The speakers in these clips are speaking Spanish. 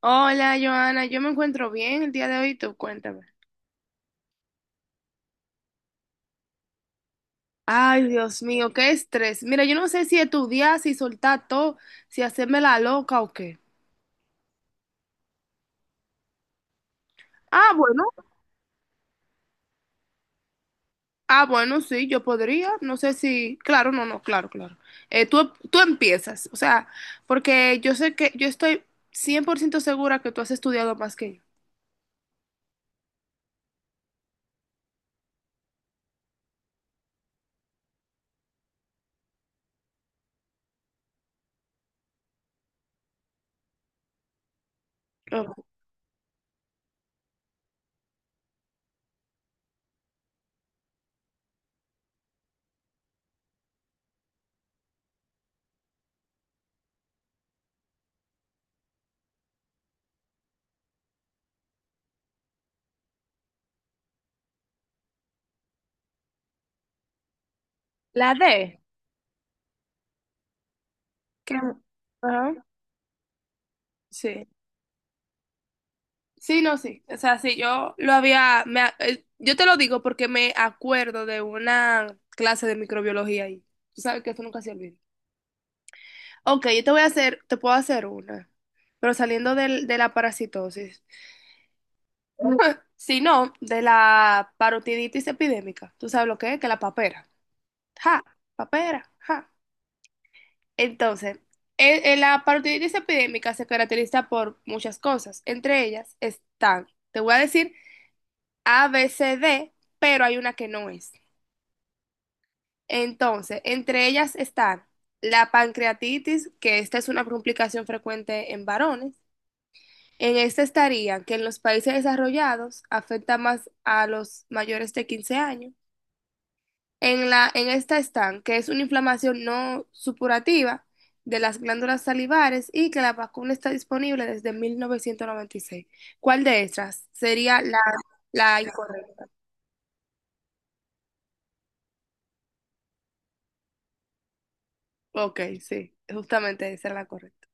Hola, Joana, yo me encuentro bien el día de hoy, tú cuéntame. Ay, Dios mío, qué estrés. Mira, yo no sé si estudiar, si soltar todo, si hacerme la loca o qué. Ah, bueno, bueno, sí, yo podría, no sé si, claro, no, no, claro, claro. Tú empiezas, o sea, porque yo sé que, yo estoy 100% segura que tú has estudiado más que yo. Ojo. La D. que- Ajá, sí. Sí, no, sí. O sea, sí, yo lo había, yo te lo digo porque me acuerdo de una clase de microbiología ahí. Tú sabes que eso nunca se olvida. Ok, yo te voy a hacer, te puedo hacer una, pero saliendo de la parasitosis. Si no, de la parotiditis epidémica. ¿Tú sabes lo que es? Que la papera. Ja, papera, ja. Entonces, en la parotiditis epidémica se caracteriza por muchas cosas. Entre ellas están, te voy a decir A, B, C, D, pero hay una que no es. Entonces, entre ellas están la pancreatitis, que esta es una complicación frecuente en varones. En esta estaría que en los países desarrollados afecta más a los mayores de 15 años. En esta están que es una inflamación no supurativa de las glándulas salivares y que la vacuna está disponible desde 1996. ¿Cuál de estas sería la, la incorrecta? Ok, sí, justamente esa es la correcta.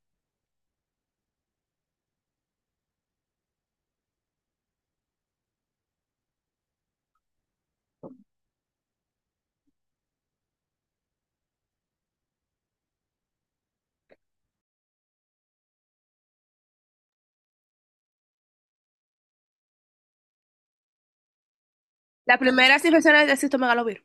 Las primeras infecciones de citomegalovirus.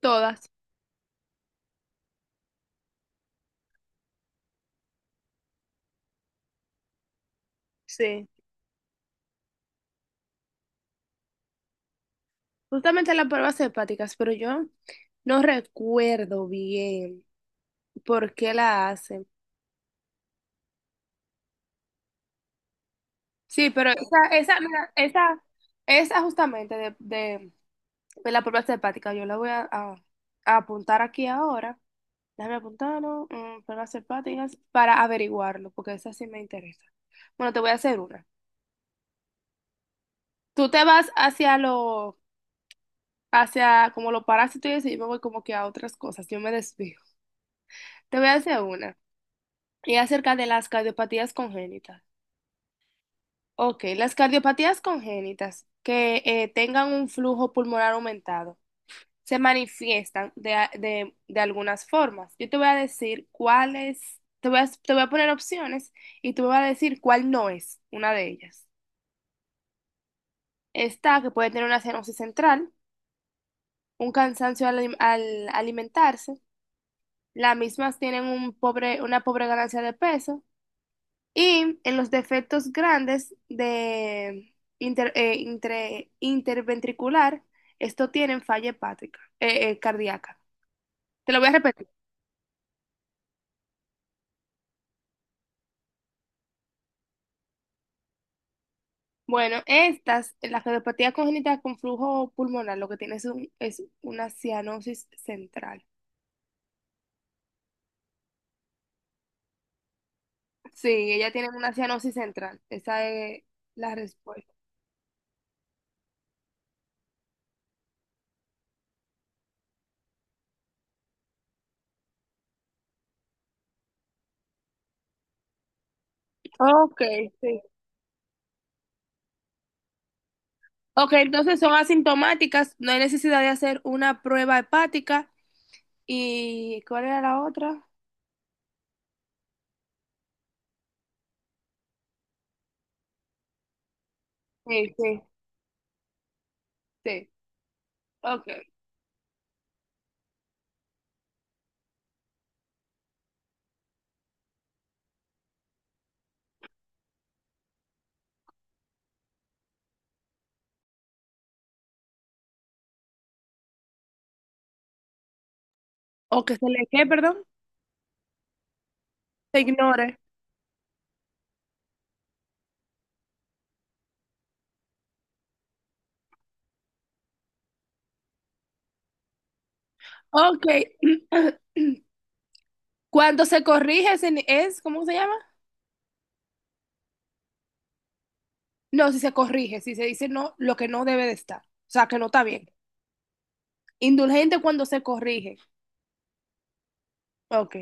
Todas, sí. Justamente las pruebas hepáticas, pero yo no recuerdo bien por qué la hacen. Sí, pero esa, mira, esa justamente de la prueba hepática, yo la voy a apuntar aquí ahora. Déjame apuntarlo, pruebas hepáticas, para averiguarlo, porque esa sí me interesa. Bueno, te voy a hacer una. Tú te vas hacia los hacia como los parásitos y eso, yo me voy como que a otras cosas, yo me desvío. Te voy a hacer una, y acerca de las cardiopatías congénitas. Ok, las cardiopatías congénitas que tengan un flujo pulmonar aumentado se manifiestan de algunas formas. Yo te voy a decir cuáles, te voy a poner opciones y tú me vas a decir cuál no es una de ellas. Está que puede tener una cianosis central, un cansancio al alimentarse, las mismas tienen un pobre, una pobre ganancia de peso. Y en los defectos grandes de interventricular, esto tienen falla hepática, cardíaca. Te lo voy a repetir. Bueno, estas, la cardiopatía congénita con flujo pulmonar, lo que tiene es, es una cianosis central. Sí, ella tiene una cianosis central. Esa es la respuesta. Ok, sí. Ok, entonces son asintomáticas, no hay necesidad de hacer una prueba hepática. ¿Y cuál era la otra? Sí, sí, sí. Ok. O que se le, ¿qué, perdón? Se ignore. Ok. Cuando se corrige, es, ¿cómo se llama? No, si se corrige, si se dice no, lo que no debe de estar. O sea, que no está bien. Indulgente cuando se corrige. Ok.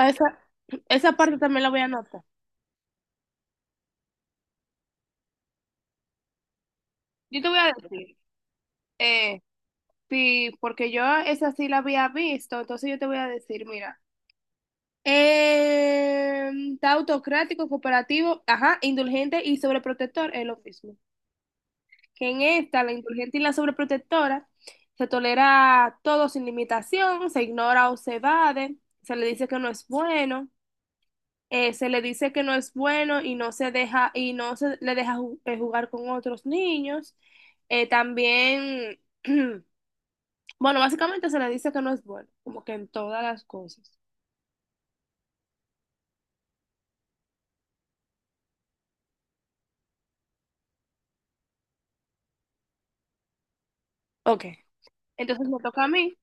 A esa, esa parte también la voy a anotar. Yo te voy a decir, eh, sí, porque yo esa sí la había visto, entonces yo te voy a decir, mira, eh, está autocrático, cooperativo, ajá, indulgente y sobreprotector es lo mismo. Que en esta, la indulgente y la sobreprotectora, se tolera todo sin limitación, se ignora o se evade, se le dice que no es bueno, se le dice que no es bueno y no se deja, y no se le deja jugar con otros niños. También bueno, básicamente se le dice que no es bueno, como que en todas las cosas. Ok, entonces me toca a mí.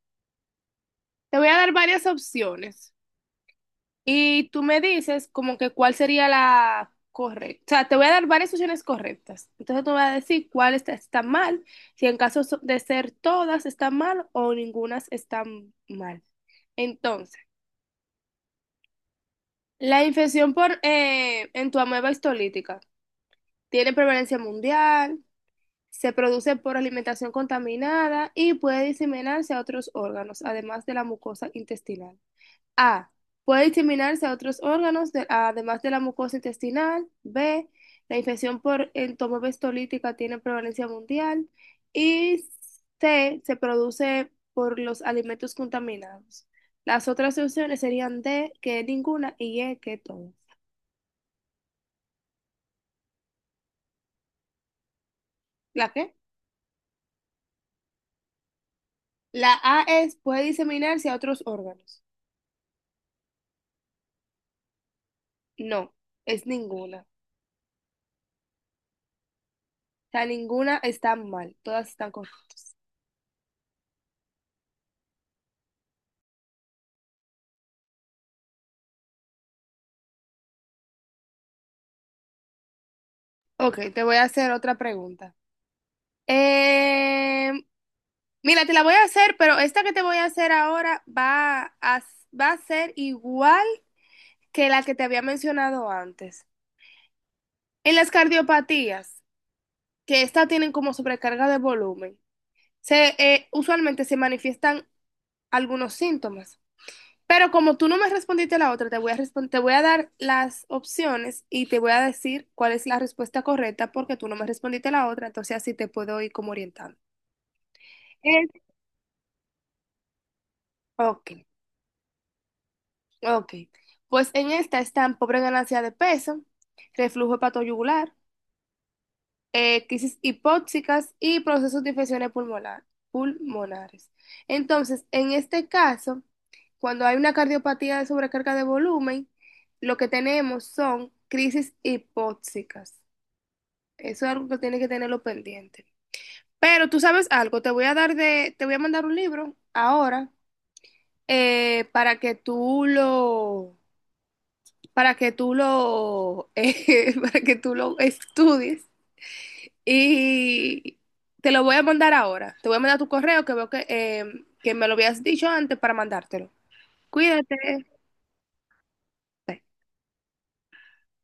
Te voy a dar varias opciones y tú me dices como que cuál sería la correcta. O sea, te voy a dar varias opciones correctas. Entonces tú me vas a decir cuál está, está mal, si en caso de ser todas están mal o ninguna está mal. Entonces, la infección por en tu ameba histolítica tiene prevalencia mundial. Se produce por alimentación contaminada y puede diseminarse a otros órganos, además de la mucosa intestinal. A. Puede diseminarse a otros órganos, además de la mucosa intestinal. B. La infección por entomobestolítica tiene prevalencia mundial. Y C. Se produce por los alimentos contaminados. Las otras opciones serían D, que ninguna, y E, que todas. ¿La qué? La A es, puede diseminarse a otros órganos. No, es ninguna. Sea, ninguna está mal, todas están correctas. Ok, te voy a hacer otra pregunta. Eh, mira, te la voy a hacer, pero esta que te voy a hacer ahora va a, va a ser igual que la que te había mencionado antes. En las cardiopatías, que estas tienen como sobrecarga de volumen, usualmente se manifiestan algunos síntomas. Pero como tú no me respondiste la otra, te voy a dar las opciones y te voy a decir cuál es la respuesta correcta porque tú no me respondiste la otra, entonces así te puedo ir como orientando. Es- Ok, ok. Pues en esta están pobre ganancia de peso, reflujo hepatoyugular, crisis hipóxicas y procesos de infecciones pulmonares. Entonces, en este caso, cuando hay una cardiopatía de sobrecarga de volumen, lo que tenemos son crisis hipóxicas. Eso es algo que tiene que tenerlo pendiente. Pero tú sabes algo, te voy a mandar un libro ahora para que tú lo, para que tú lo estudies y te lo voy a mandar ahora. Te voy a mandar tu correo que veo que me lo habías dicho antes para mandártelo. Cuídate. Bye.